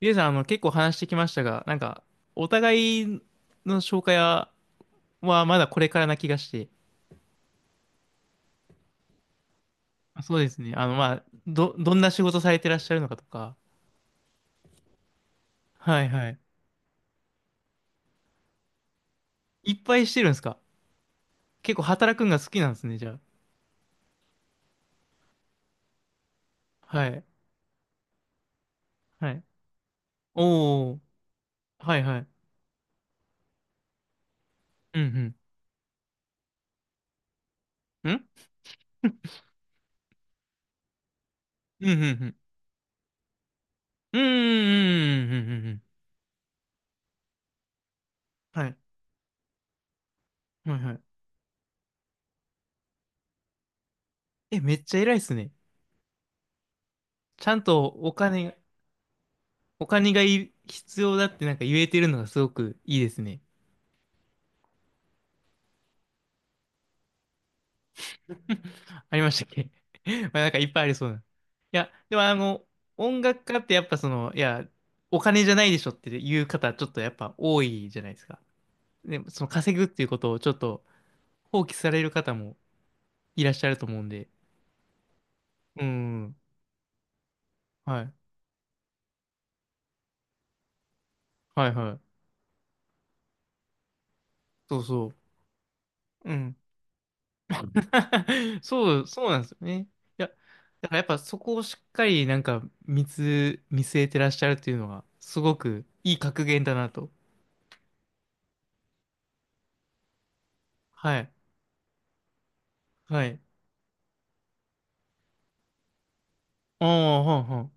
リエさん、結構話してきましたが、お互いの紹介は、まだこれからな気がして。あ、そうですね。どんな仕事されてらっしゃるのかとか。はいはい。いっぱいしてるんですか？結構働くんが好きなんですね、じゃあ。はい。はい。おー。はいはい。うんうん。んうんうんうん。うんうんうんうんうんうんうん。はい。はいはい。え、めっちゃ偉いっすね。ちゃんとお金、お金が必要だって言えてるのがすごくいいですね。ありましたっけ？ まあいっぱいありそうな。でも、音楽家ってやっぱお金じゃないでしょっていう方、ちょっとやっぱ多いじゃないですか。で、その稼ぐっていうことをちょっと放棄される方もいらっしゃると思うんで。うん。はい。はいはい。そうそう。うん。そう、そうなんですよね。いや、だからやっぱそこをしっかり見据えてらっしゃるっていうのが、すごくいい格言だなと。はい。はい。ああ、はんはん、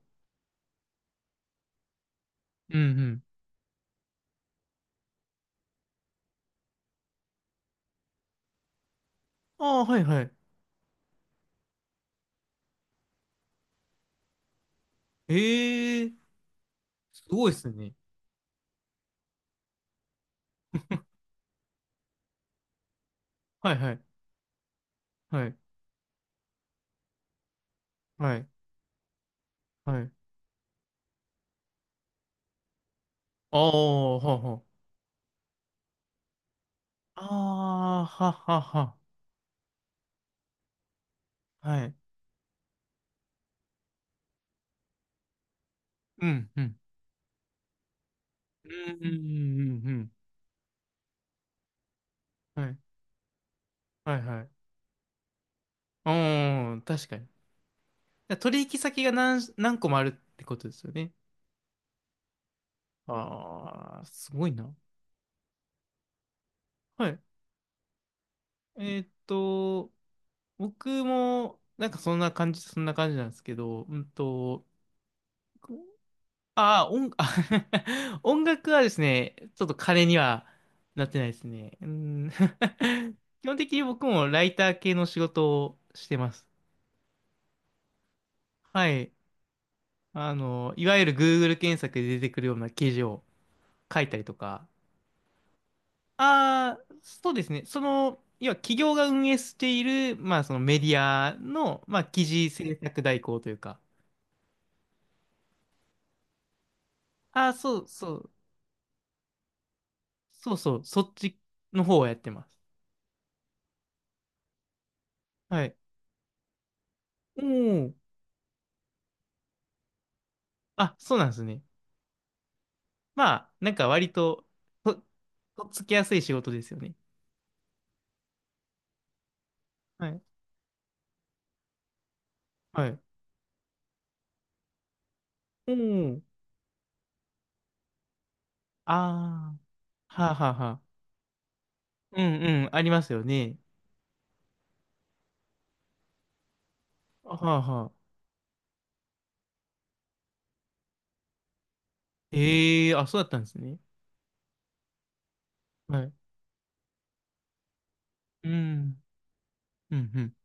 うんうん。ああ、はいはい。ええ、すごいっすね。はいはい。はい。はい。はい。ああ、はあはあ。ああ、はははあ。はい。うん、うん。うん、うん、うん、うん。はい。はいはいはい、ああはあはあ、ああははは、はい、うん、確かに。取引先が何個もあるってことですよね。ああ、すごいな。はい。えーっと、僕も、そんな感じなんですけど、ああ、あ、音楽はですね、ちょっと彼にはなってないですね。うん。 基本的に僕もライター系の仕事をしてます。はい。いわゆる Google 検索で出てくるような記事を書いたりとか。ああ、そうですね。その、要は企業が運営している、まあそのメディアの、まあ記事制作代行というか。ああ、そうそう。そうそう。そっちの方をやってます。はい。おお。あ、そうなんですね。まあ、割と、と、っつきやすい仕事ですよね。はい。はい。うん。ああ、はあはあはあ。うんうん、ありますよね。はあはあ。ええ、あ、そうだったんですね。はい。うん。うん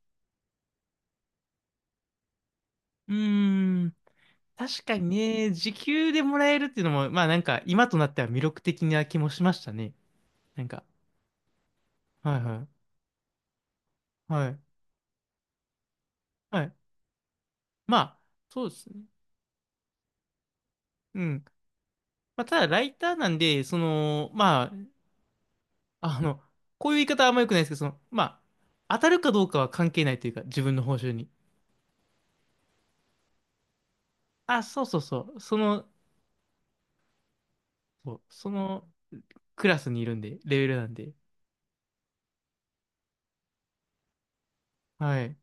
うん。うーん。確かにね、時給でもらえるっていうのも、まあ今となっては魅力的な気もしましたね。なんか。はいはい。はい。はい。まあ、そうですね。うん。まあ、ただ、ライターなんで、あの、こういう言い方はあんま良くないですけど、当たるかどうかは関係ないというか、自分の報酬に。あ、そうそうそう。そのクラスにいるんで、レベルなんで。はい。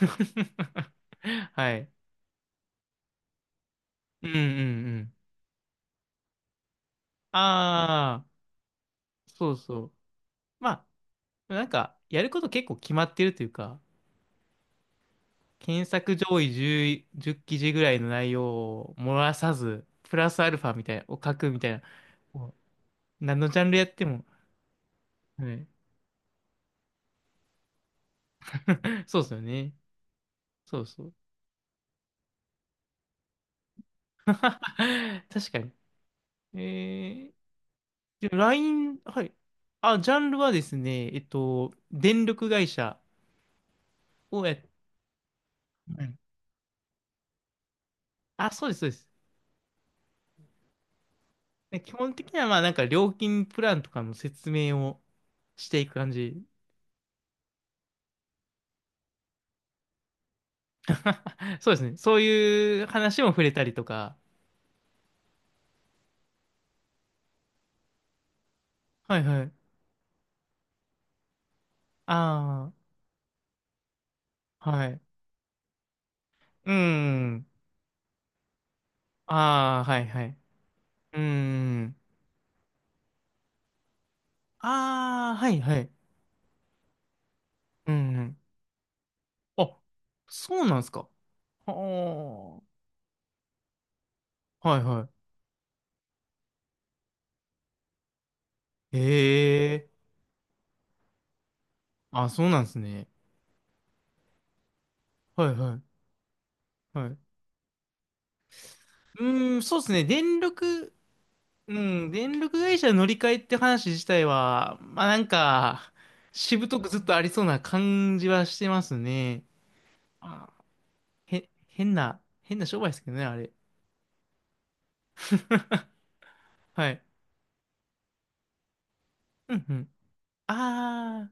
はい。うんうんうん。ああ、そうそう。まあ、やること結構決まってるというか、検索上位10、じゅう記事ぐらいの内容を漏らさず、プラスアルファみたいな、を書くみたいな、こう、何のジャンルやっても、はい。そうですよね。そうそう。確かに。えで、LINE、はい。あ、ジャンルはですね、電力会社をやっ、はい。あ、そうです、そうです。で基本的には、まあ、料金プランとかの説明をしていく感じ。そうですね。そういう話も触れたりとか。はい、はい。ああ、はい。うん。ああ、はい、はい。うん。ああ、はい、はい。うん。あ、そうなんですか？はあ。はい、はい。へえ。あ、そうなんですね。はいはい。はい。うーん、そうですね。電力、うん、電力会社の乗り換えって話自体は、まあしぶとくずっとありそうな感じはしてますね。あ、へ、変な、変な商売ですけどね、あれ。はい。うんうん。あ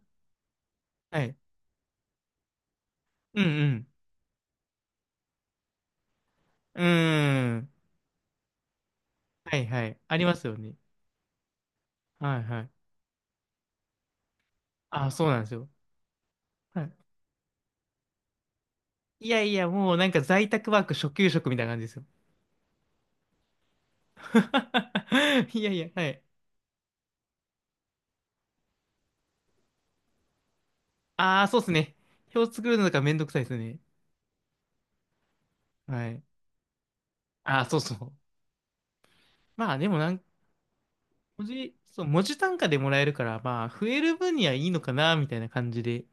あ、はい。うんうん。うーん。はいはい。ありますよね。はいはい。あ、そうなんですよ。はい。いやいや、もう在宅ワーク初級職みたいな感じですよ。いやいや、はい。ああ、そうっすね。表作るのがめんどくさいですね。はい。ああ、そうそう。まあでも文字単価でもらえるから、まあ、増える分にはいいのかな、みたいな感じで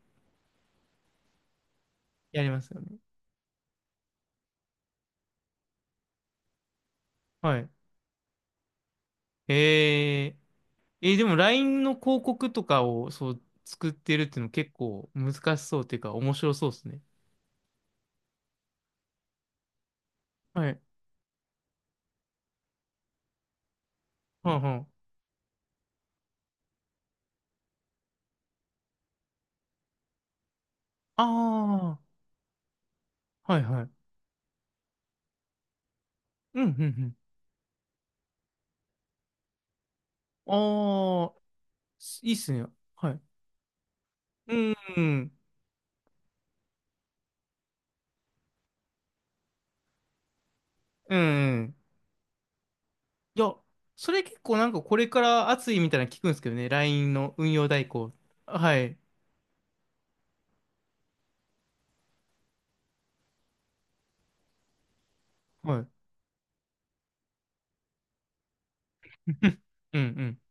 やりますよね。はい。えー、でも LINE の広告とかを、そう、作ってるっていうの結構難しそうっていうか、面白そうですね。はい。はいはい。ああ、はいはい。うん、うん、うん。ああ、いいっすね。はい。うん。うん。いや、それ結構これから熱いみたいなの聞くんですけどね。LINE の運用代行。はい。はい。うんうん。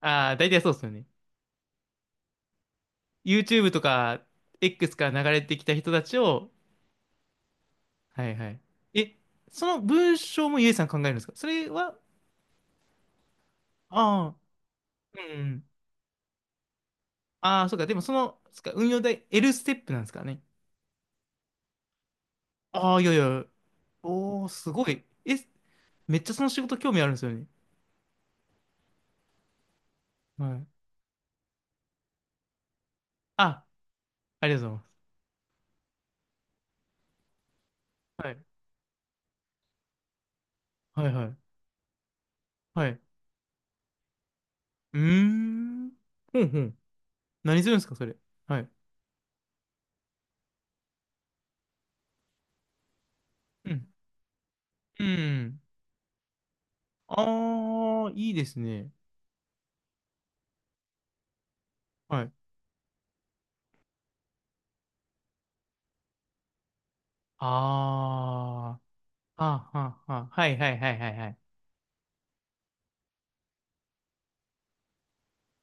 ああ、大体そうですよね。YouTube とか X から流れてきた人たちを、はいはい。え、その文章もゆえさん考えるんですか？それは、ああ、うんうん。ああ、そうか。でもその、そっか、運用代 L ステップなんですかね。ああ、いやいや。おー、すごい。え、めっちゃその仕事興味あるんですよね。はい。あ、ありがとうございます。はい。はいはい。はい。うーん。ほんほん。何するんですか、それ。はい。うん。うん。ああ、いいですね。はい。ああ、はあ、はあ、はあ。はいはいはいはいはい。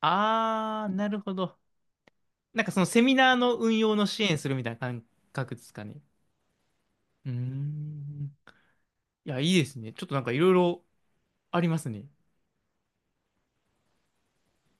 ああ、なるほど。そのセミナーの運用の支援するみたいな感覚ですかね。うーん。いや、いいですね。ちょっといろいろありますね。